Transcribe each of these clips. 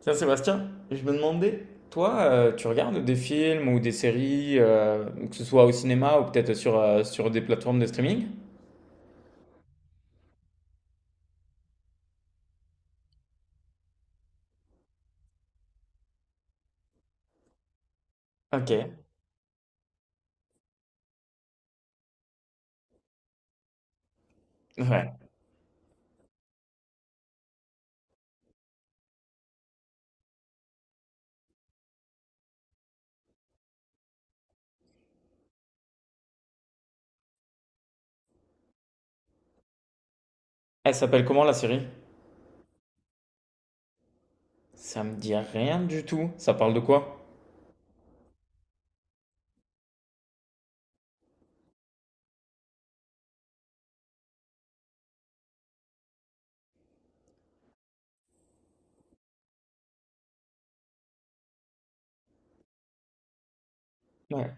Tiens, Sébastien, je me demandais, toi, tu regardes des films ou des séries, que ce soit au cinéma ou peut-être sur, sur des plateformes de streaming? Ok. Ouais. Elle s'appelle comment la série? Ça me dit rien du tout. Ça parle de quoi? Ouais.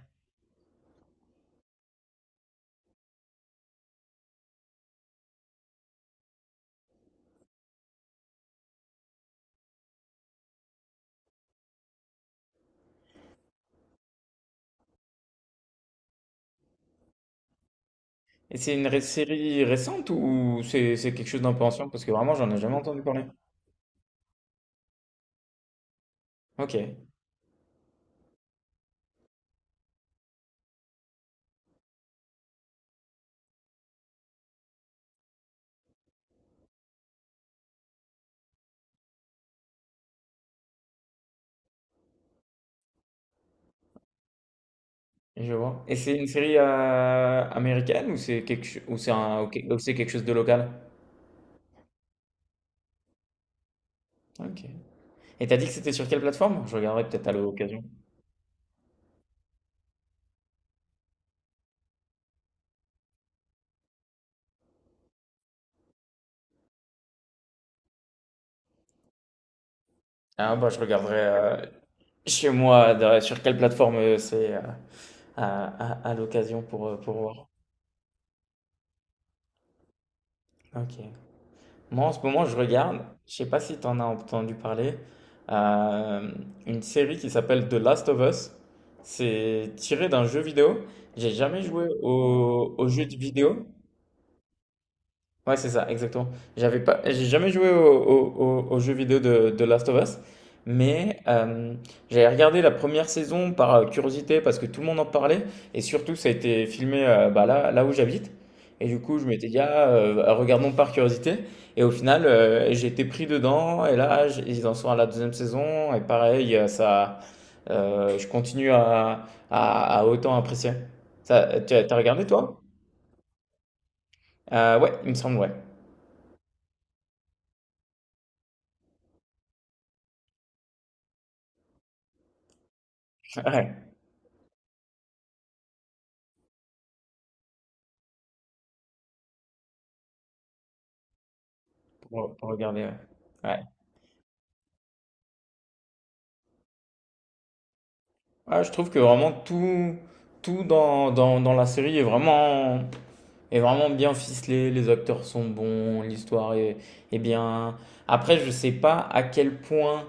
Et c'est une série récente ou c'est quelque chose d'un peu ancien? Parce que vraiment, j'en ai jamais entendu parler. Ok, je vois. Et c'est une série américaine ou c'est quelque cho- ou c'est un ou c'est quelque chose de local? Ok. Et t'as dit que c'était sur quelle plateforme? Je regarderai peut-être à l'occasion. Ah bah je regarderai chez moi sur quelle plateforme c'est à, à l'occasion pour voir. Ok. Moi en ce moment je regarde, je sais pas si t'en as entendu parler, euh, une série qui s'appelle The Last of Us. C'est tiré d'un jeu vidéo. J'ai jamais joué au jeu de vidéo, ouais, c'est ça, exactement. J'ai jamais joué au jeu vidéo de Last of Us, mais j'avais regardé la première saison par curiosité parce que tout le monde en parlait et surtout ça a été filmé bah, là, là où j'habite. Et du coup, je m'étais dit, ah, regardons par curiosité. Et au final, j'ai été pris dedans et là, ils en sont à la deuxième saison et pareil, ça, je continue à autant apprécier. Ça, tu as t'as regardé toi? Ouais, il me semble, ouais. Ouais. Pour regarder, ouais. Ouais. Ah, je trouve que vraiment tout, tout dans, dans, dans la série est vraiment bien ficelé. Les acteurs sont bons, l'histoire est, est bien. Après, je sais pas à quel point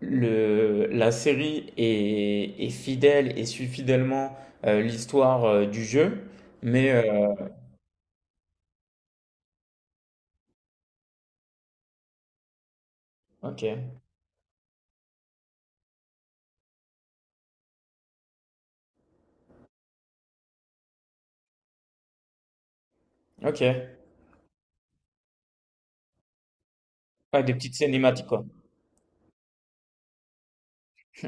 le, la série est, est fidèle et suit fidèlement l'histoire du jeu. Mais, ok, ok. Ouais, des petites cinématiques, quoi.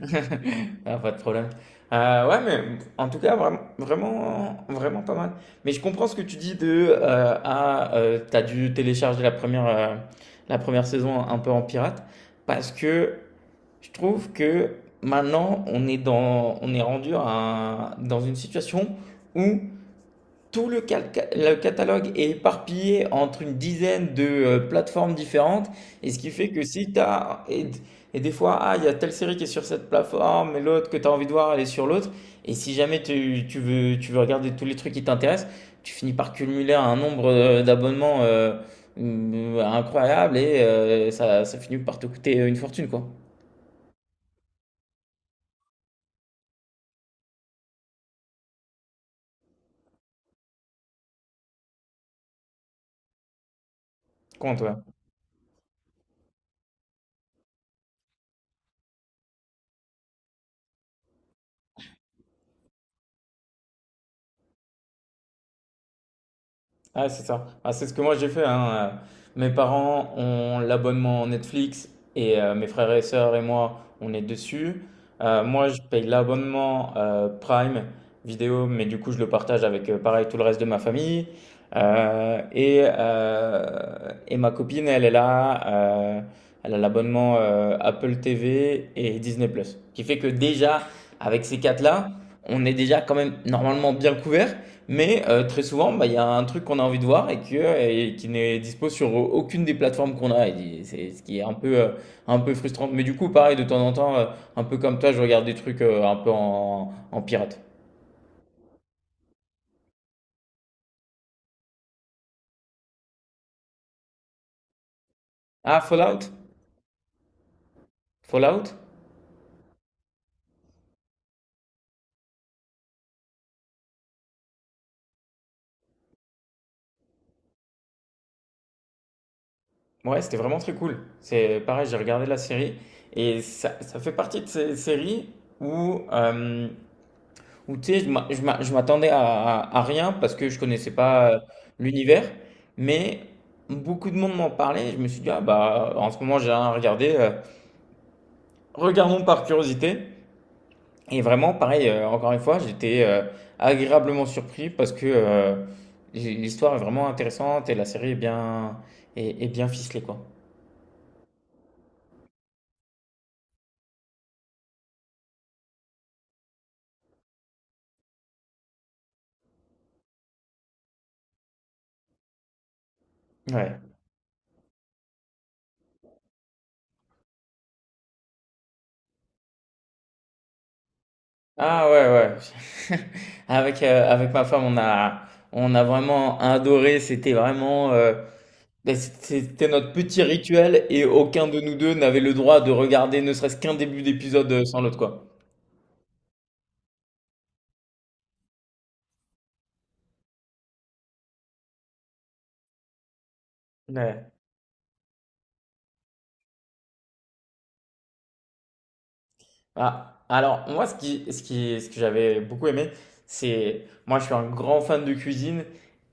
Ah, pas de problème. Ouais, mais en tout cas, vraiment, vraiment, vraiment pas mal. Mais je comprends ce que tu dis de ah, t'as dû télécharger la première saison un peu en pirate, parce que je trouve que maintenant on est dans, on est rendu à dans une situation où tout le catalogue est éparpillé entre une dizaine de plateformes différentes, et ce qui fait que si tu as... et des fois, ah, il y a telle série qui est sur cette plateforme, et l'autre que tu as envie de voir, elle est sur l'autre, et si jamais tu veux, tu veux regarder tous les trucs qui t'intéressent, tu finis par cumuler un nombre d'abonnements incroyable, et ça, ça finit par te coûter une fortune, quoi. Comment ah, c'est ça. Ah, c'est ce que moi j'ai fait, hein. Mes parents ont l'abonnement Netflix et mes frères et sœurs et moi, on est dessus. Moi, je paye l'abonnement Prime vidéo, mais du coup, je le partage avec pareil tout le reste de ma famille. Euh, et, euh, et ma copine, elle est là. Elle a l'abonnement Apple TV et Disney+. Qui fait que déjà, avec ces quatre-là, on est déjà quand même normalement bien couvert. Mais très souvent, bah, il y a un truc qu'on a envie de voir et qui n'est dispo sur aucune des plateformes qu'on a. Et c'est ce qui est un peu frustrant. Mais du coup, pareil, de temps en temps, un peu comme toi, je regarde des trucs un peu en, en pirate. Ah, Fallout? Fallout? Ouais, c'était vraiment très cool. C'est pareil, j'ai regardé la série et ça fait partie de ces séries où ou tu sais, je m'attendais à, à rien parce que je connaissais pas l'univers, mais beaucoup de monde m'en parlait. Et je me suis dit, ah bah, en ce moment, j'ai rien à regarder. Regardons par curiosité. Et vraiment, pareil, encore une fois, j'étais agréablement surpris parce que l'histoire est vraiment intéressante et la série est bien, est, est bien ficelée, quoi. Ouais. Ah ouais, ouais. Avec, avec ma femme, on a vraiment adoré. C'était vraiment. Ben, c'était notre petit rituel et aucun de nous deux n'avait le droit de regarder ne serait-ce qu'un début d'épisode sans l'autre, quoi. Ouais. Ah, alors moi ce qui, ce qui, ce que j'avais beaucoup aimé, c'est moi je suis un grand fan de cuisine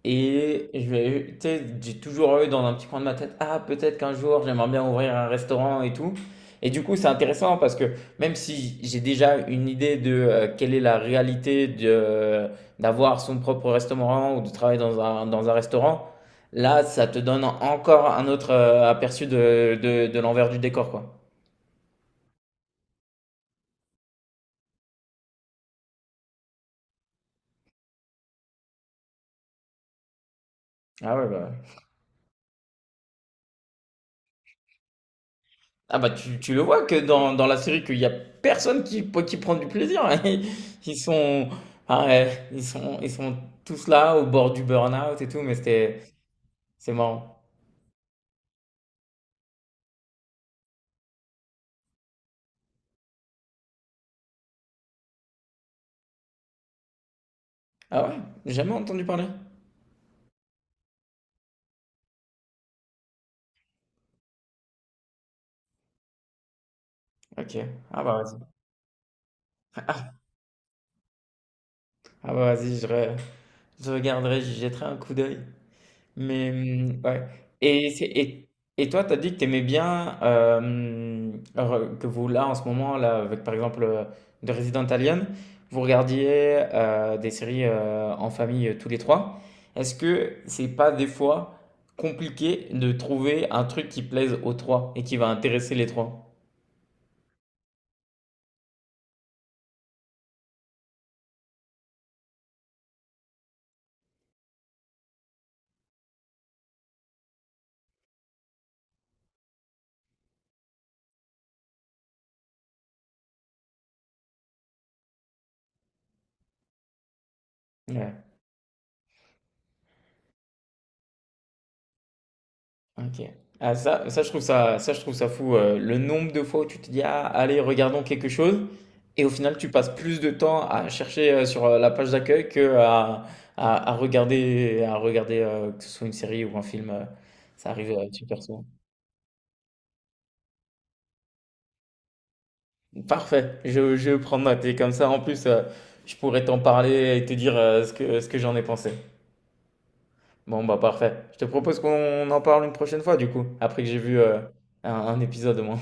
et je vais, tu sais, j'ai toujours eu dans un petit coin de ma tête, ah peut-être qu'un jour j'aimerais bien ouvrir un restaurant et tout. Et du coup c'est intéressant parce que même si j'ai déjà une idée de quelle est la réalité de d'avoir son propre restaurant ou de travailler dans un restaurant, là ça te donne encore un autre aperçu de l'envers du décor quoi. Ah ouais, bah. Ah bah tu, tu le vois que dans, dans la série qu'il y a personne qui prend du plaisir. Ils sont, ah ouais, ils sont tous là au bord du burn-out et tout, mais c'était, c'est marrant. Ah ouais, j'ai jamais entendu parler. Ok, ah bah vas-y. Ah bah vas-y, je regarderai, j'y jetterai un coup d'œil. Mais mmh, ouais et c'est et toi, tu as dit que tu aimais bien, hem, re que vous, là, en ce moment, là, avec, par exemple, The Resident Alien, vous regardiez, des séries, en famille, tous les 3. Est-ce que c'est pas, des fois, compliqué de trouver un truc qui plaise aux 3 et qui va intéresser les 3? OK. Ah ça ça je trouve ça, je trouve ça fou, le nombre de fois où tu te dis: «Ah allez regardons quelque chose» et au final tu passes plus de temps à chercher, sur, la page d'accueil qu'à à à regarder que ce soit une série ou un film, ça arrive, super souvent. Parfait, je prends note et comme ça en plus, je pourrais t'en parler et te dire, ce que j'en ai pensé. Bon bah parfait. Je te propose qu'on en parle une prochaine fois du coup, après que j'ai vu, un épisode au moins.